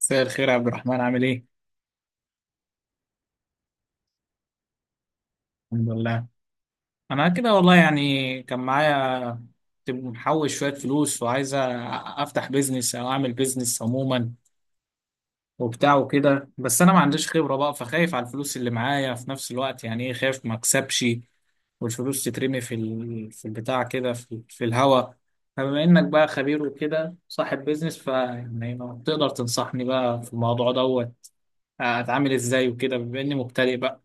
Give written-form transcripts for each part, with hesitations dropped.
مساء الخير يا عبد الرحمن، عامل ايه؟ الحمد لله. انا كده والله، يعني كان معايا، كنت محوش شوية فلوس وعايز افتح بيزنس او اعمل بيزنس عموما وبتاع وكده. بس انا ما عنديش خبرة بقى، فخايف على الفلوس اللي معايا. في نفس الوقت يعني ايه، خايف ما اكسبش والفلوس تترمي في في البتاع كده، في الهوا. فبما انك بقى خبير وكده صاحب بيزنس، فيعني ما تقدر تنصحني بقى في الموضوع دوت؟ اتعامل ازاي وكده بما اني مبتدئ بقى؟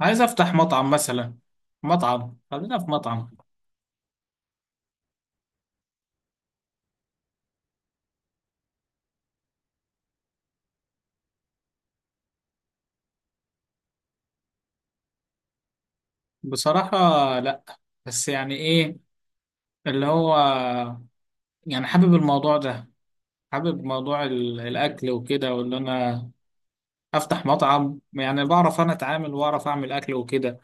عايز افتح مطعم مثلا. مطعم، خلينا في مطعم. بصراحة لا، بس يعني ايه اللي هو، يعني حابب الموضوع ده، حابب موضوع الاكل وكده، وان انا افتح مطعم. يعني بعرف انا اتعامل واعرف اعمل اكل وكده.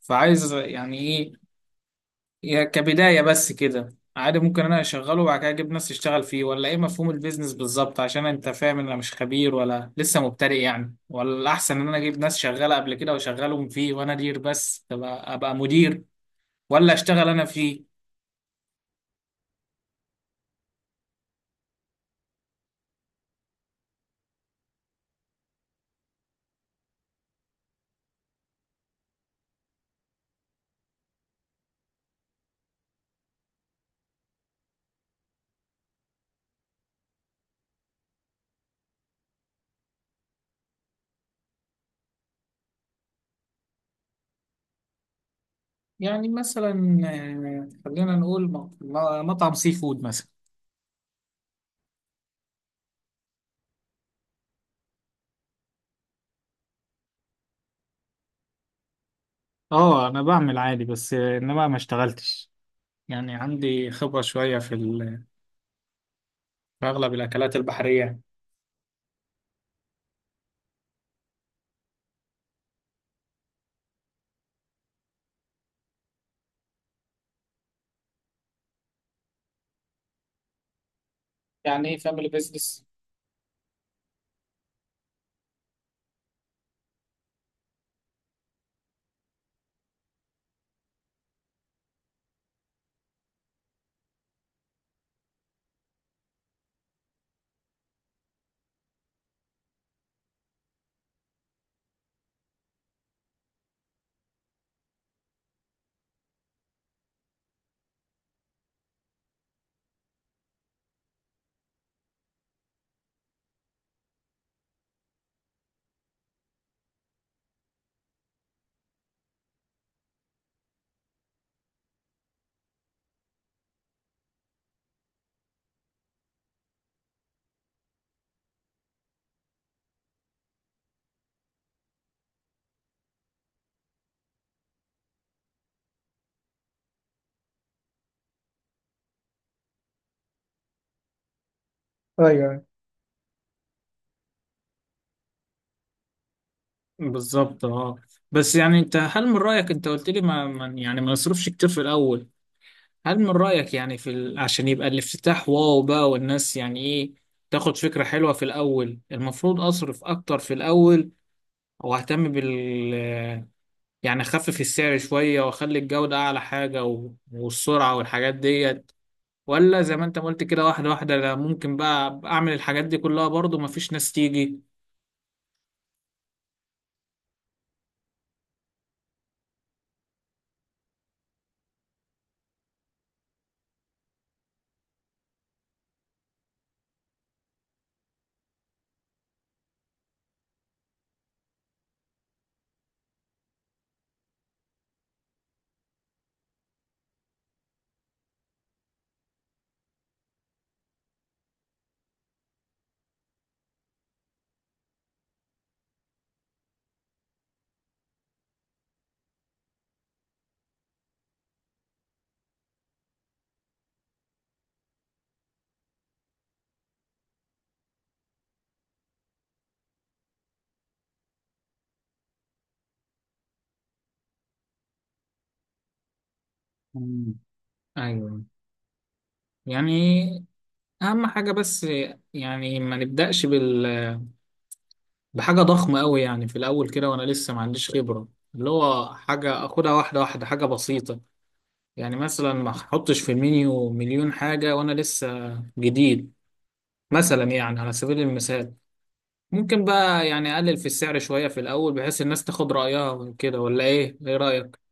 فعايز يعني ايه، يا كبداية بس كده عادي ممكن انا اشغله وبعد كده اجيب ناس تشتغل فيه، ولا ايه مفهوم البيزنس بالظبط؟ عشان انت فاهم ان انا مش خبير، ولا لسه مبتدئ يعني. ولا الاحسن ان انا اجيب ناس شغالة قبل كده واشغلهم فيه وانا ادير بس، تبقى ابقى مدير ولا اشتغل انا فيه؟ يعني مثلا خلينا نقول مطعم سي فود مثلا. اه انا بعمل عادي بس، انما ما اشتغلتش. يعني عندي خبرة شوية في في اغلب الاكلات البحرية. يعني ايه فاميلي بيزنس؟ بالظبط اه. بس يعني انت، هل من رأيك انت قلت لي يعني ما نصرفش كتير في الأول؟ هل من رأيك يعني في عشان يبقى الافتتاح واو بقى والناس يعني ايه، تاخد فكرة حلوة في الأول؟ المفروض أصرف أكتر في الأول وأهتم بال، يعني أخفف السعر شوية وأخلي الجودة أعلى حاجة والسرعة والحاجات ديت، ولا زي ما انت ما قلت كده واحدة واحدة؟ لا، ممكن بقى أعمل الحاجات دي كلها برضو مفيش ناس تيجي. مم. ايوه. يعني اهم حاجة بس، يعني ما نبدأش بحاجة ضخمة قوي يعني في الاول كده وانا لسه ما عنديش خبرة. اللي هو حاجة اخدها واحدة واحدة، حاجة بسيطة. يعني مثلا ما احطش في المنيو مليون حاجة وانا لسه جديد. مثلا يعني على سبيل المثال، ممكن بقى يعني اقلل في السعر شوية في الاول بحيث الناس تاخد رأيها وكده، ولا ايه؟ ايه رأيك؟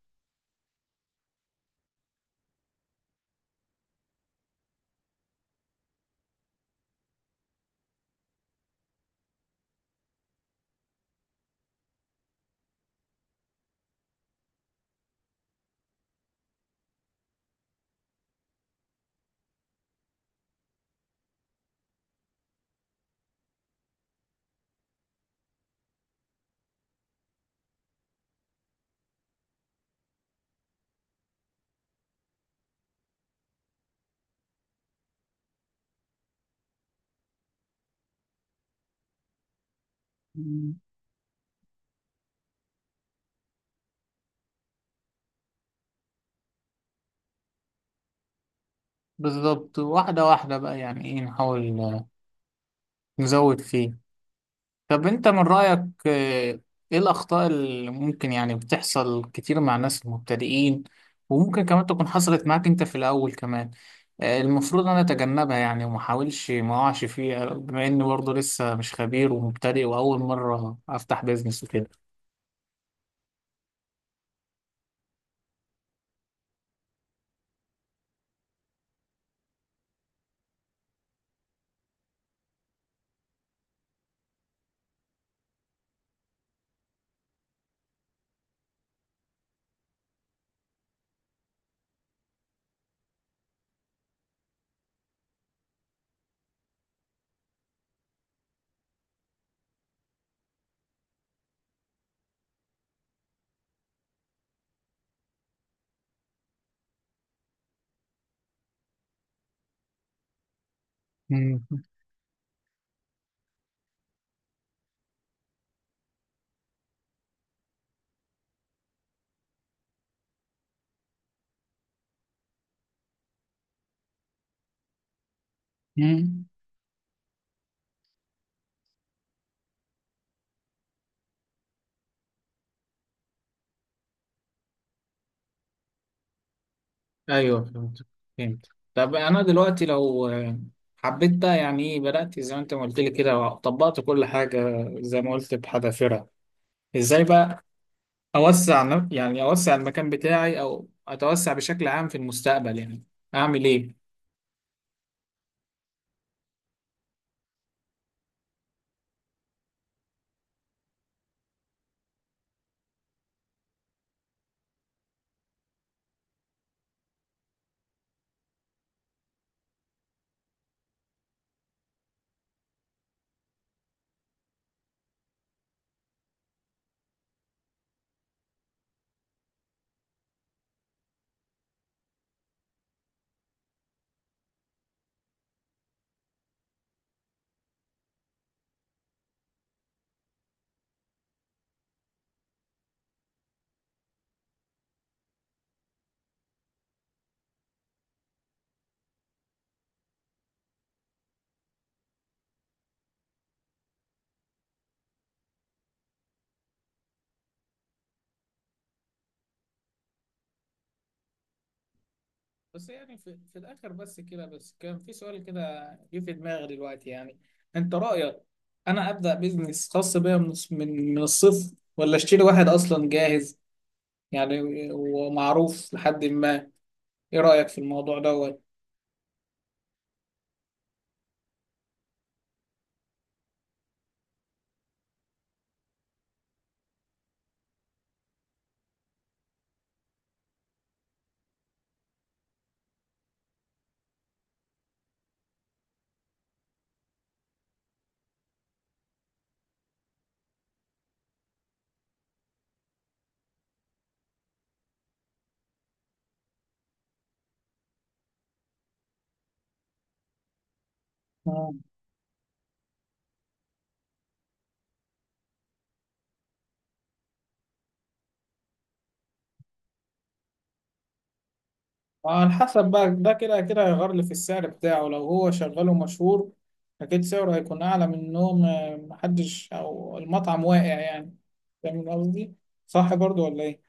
بالظبط واحدة واحدة بقى، يعني ايه نحاول نزود فيه. طب انت من رأيك، آه، ايه الأخطاء اللي ممكن يعني بتحصل كتير مع الناس المبتدئين، وممكن كمان تكون حصلت معاك انت في الأول كمان؟ المفروض انا اتجنبها يعني وما احاولش ما اقعش فيها، بما اني برضه لسه مش خبير ومبتدئ واول مرة افتح بيزنس وكده. مم. مم. ايوه فهمت، فهمت. طب انا دلوقتي لو حبيت بقى يعني ايه، بدأت زي ما انت ما قلت لي كده وطبقت كل حاجة زي ما قلت بحذافيرها، ازاي بقى اوسع يعني اوسع المكان بتاعي او اتوسع بشكل عام في المستقبل؟ يعني اعمل ايه؟ بس يعني في الاخر بس كده، بس كان في سؤال كده جه في دماغي دلوقتي يعني. انت رايك انا ابدا بيزنس خاص بيا من الصفر، ولا اشتري واحد اصلا جاهز يعني، ومعروف لحد ما؟ ايه رايك في الموضوع دوت؟ على حسب بقى، ده كده كده هيغير لي في السعر بتاعه. لو هو شغال ومشهور أكيد سعره هيكون أعلى من إنهم محدش، أو المطعم واقع يعني. فاهم قصدي؟ صح برضو ولا إيه؟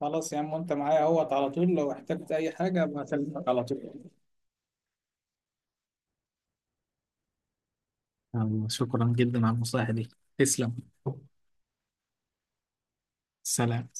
خلاص يا عم، وأنت معايا أهوت. على طول لو احتجت أي حاجة بكلمك على طول. يلا، شكرا جدا على النصائح دي. تسلم. سلام.